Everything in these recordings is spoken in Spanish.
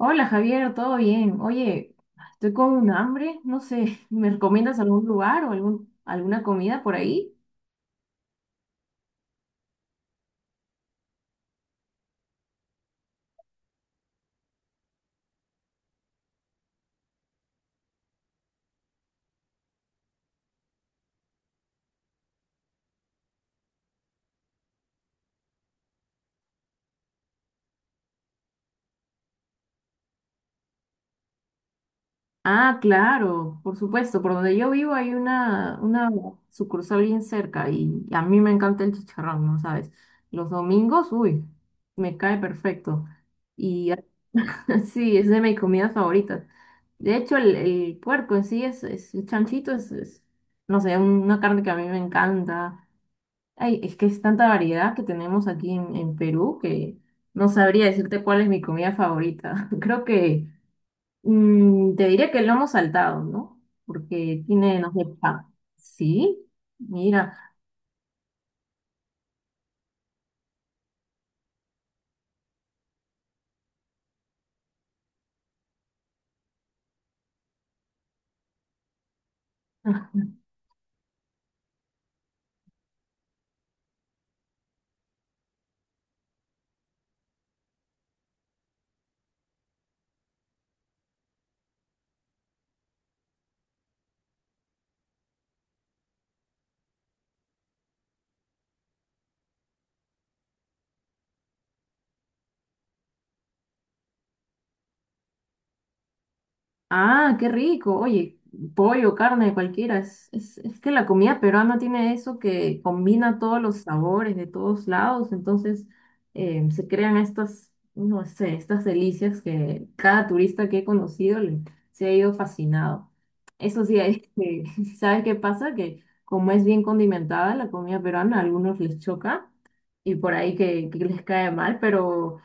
Hola Javier, ¿todo bien? Oye, estoy con un hambre, no sé, ¿me recomiendas algún lugar o alguna comida por ahí? Ah, claro, por supuesto, por donde yo vivo hay una sucursal bien cerca y a mí me encanta el chicharrón, ¿no sabes? Los domingos, uy, me cae perfecto. Y sí, es de mis comidas favoritas. De hecho, el puerco en sí es el chanchito, no sé, una carne que a mí me encanta. Ay, es que es tanta variedad que tenemos aquí en Perú que no sabría decirte cuál es mi comida favorita. Creo que te diría que el lomo saltado, ¿no? Porque tiene, no sé, Sí, mira. Ah, qué rico. Oye, pollo, carne, cualquiera. Es que la comida peruana tiene eso que combina todos los sabores de todos lados. Entonces, se crean estas, no sé, estas delicias que cada turista que he conocido se ha ido fascinado. Eso sí, es que, ¿sabes qué pasa? Que como es bien condimentada la comida peruana, a algunos les choca y por ahí que les cae mal, pero...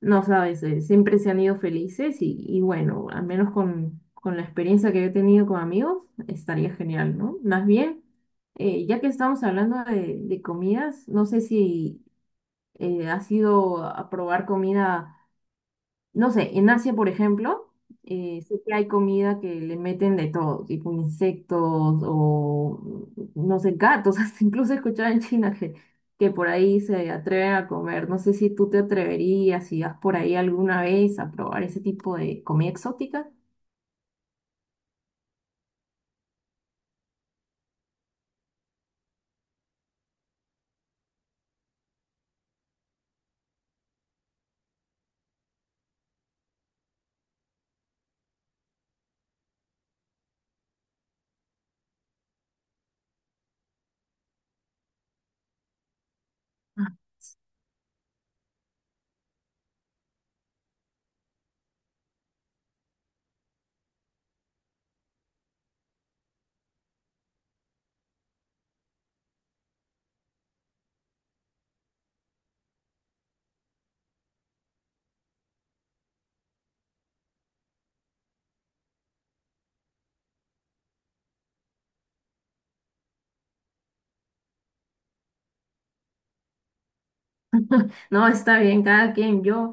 No sabes, siempre se han ido felices y bueno, al menos con la experiencia que yo he tenido con amigos, estaría genial, ¿no? Más bien, ya que estamos hablando de comidas, no sé si has ido a probar comida. No sé, en Asia, por ejemplo, sé que hay comida que le meten de todo, tipo insectos o, no sé, gatos. Hasta incluso he escuchado en China que por ahí se atreven a comer. No sé si tú te atreverías, si vas por ahí alguna vez a probar ese tipo de comida exótica. No, está bien, cada quien. Yo,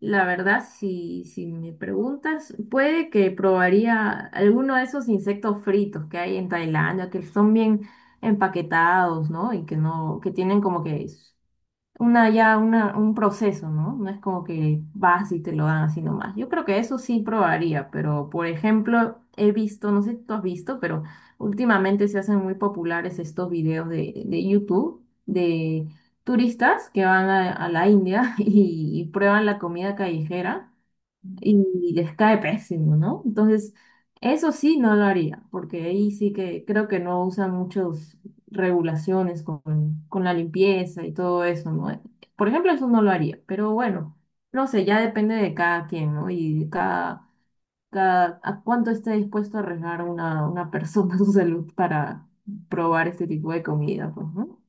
la verdad, si me preguntas, puede que probaría alguno de esos insectos fritos que hay en Tailandia, que son bien empaquetados, ¿no? Y que no, que tienen como que un proceso, ¿no? No es como que vas y te lo dan así nomás. Yo creo que eso sí probaría, pero por ejemplo, he visto, no sé si tú has visto, pero últimamente se hacen muy populares estos videos de YouTube de turistas que van a la India y prueban la comida callejera y les cae pésimo, ¿no? Entonces, eso sí no lo haría, porque ahí sí que creo que no usan muchas regulaciones con la limpieza y todo eso, ¿no? Por ejemplo, eso no lo haría, pero bueno, no sé, ya depende de cada quien, ¿no? Y a cuánto esté dispuesto a arriesgar una persona su salud para probar este tipo de comida, pues, ¿no?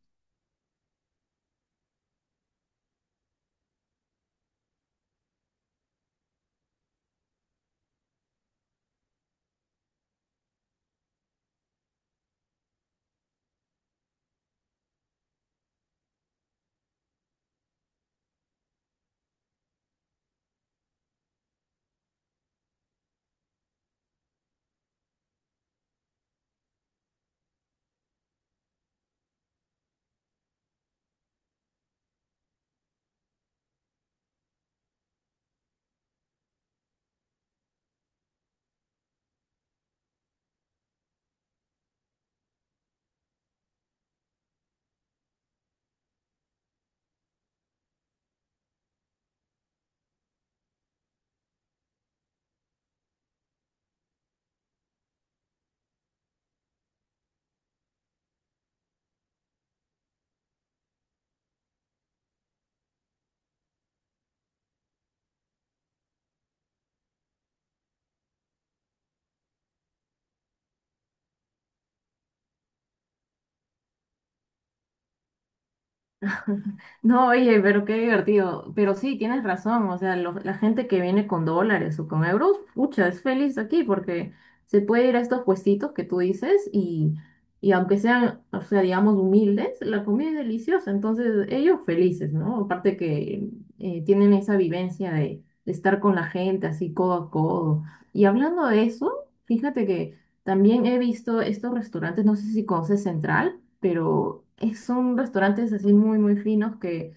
No, oye, pero qué divertido. Pero sí, tienes razón. O sea, la gente que viene con dólares o con euros, pucha, es feliz aquí porque se puede ir a estos puestitos que tú dices y aunque sean, o sea, digamos, humildes, la comida es deliciosa. Entonces, ellos felices, ¿no? Aparte que tienen esa vivencia de estar con la gente así codo a codo. Y hablando de eso, fíjate que también he visto estos restaurantes, no sé si conoces Central pero son restaurantes así muy finos que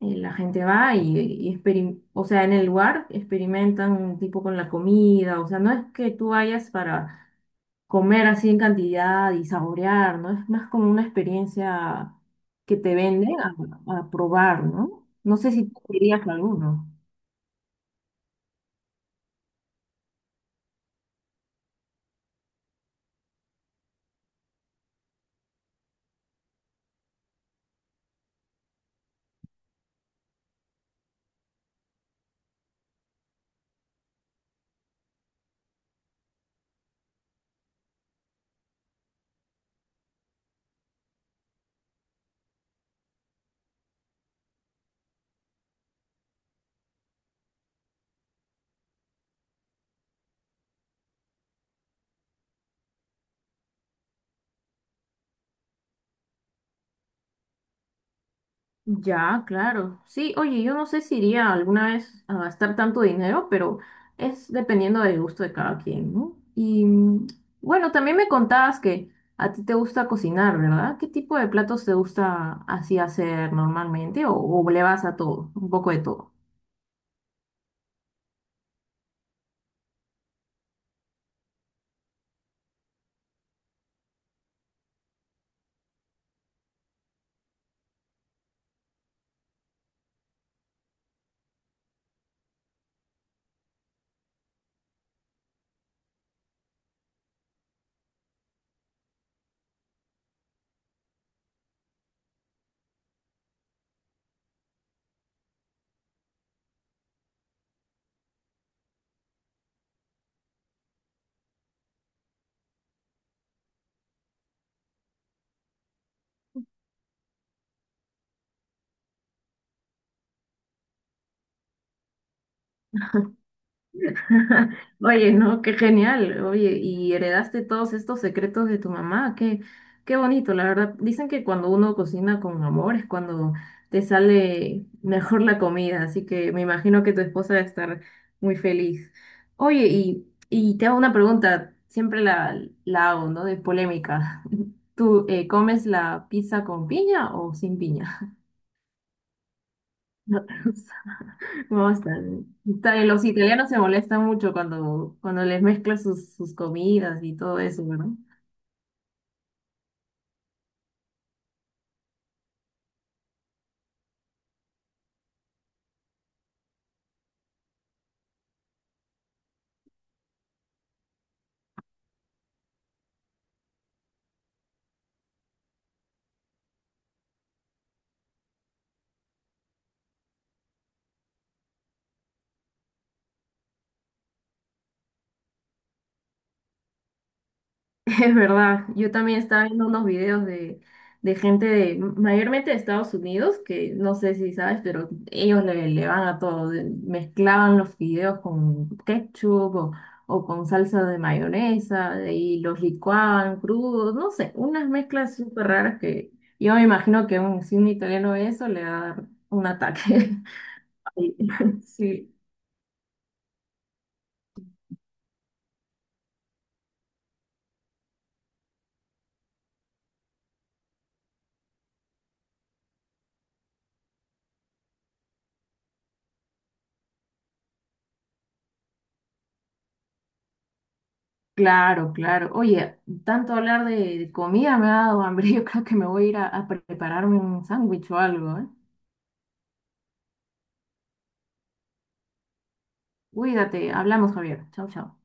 la gente va y o sea, en el lugar experimentan un tipo con la comida, o sea, no es que tú vayas para comer así en cantidad y saborear, ¿no? Es más como una experiencia que te venden a probar, ¿no? No sé si tú dirías alguno. Ya, claro. Sí, oye, yo no sé si iría alguna vez a gastar tanto dinero, pero es dependiendo del gusto de cada quien, ¿no? Y bueno, también me contabas que a ti te gusta cocinar, ¿verdad? ¿Qué tipo de platos te gusta así hacer normalmente o le vas a todo, un poco de todo? Oye, no, qué genial. Oye, y heredaste todos estos secretos de tu mamá. Qué, qué bonito, la verdad. Dicen que cuando uno cocina con amor es cuando te sale mejor la comida, así que me imagino que tu esposa debe estar muy feliz. Oye, y te hago una pregunta, siempre la hago, ¿no? De polémica. ¿Tú comes la pizza con piña o sin piña? ¿Cómo están? Está- Los italianos se molestan mucho cuando les mezclas sus comidas y todo eso, ¿verdad? Es verdad, yo también estaba viendo unos videos de gente de, mayormente de Estados Unidos, que no sé si sabes, pero ellos le van a todo, mezclaban los fideos con ketchup o con salsa de mayonesa y los licuaban crudos, no sé, unas mezclas súper raras que yo me imagino que un, si un italiano ve eso le va a dar un ataque. Sí, sí, claro, claro. Oye, tanto hablar de comida me ha dado hambre. Yo creo que me voy a ir a prepararme un sándwich o algo, ¿eh? Cuídate, hablamos, Javier. Chao, chao.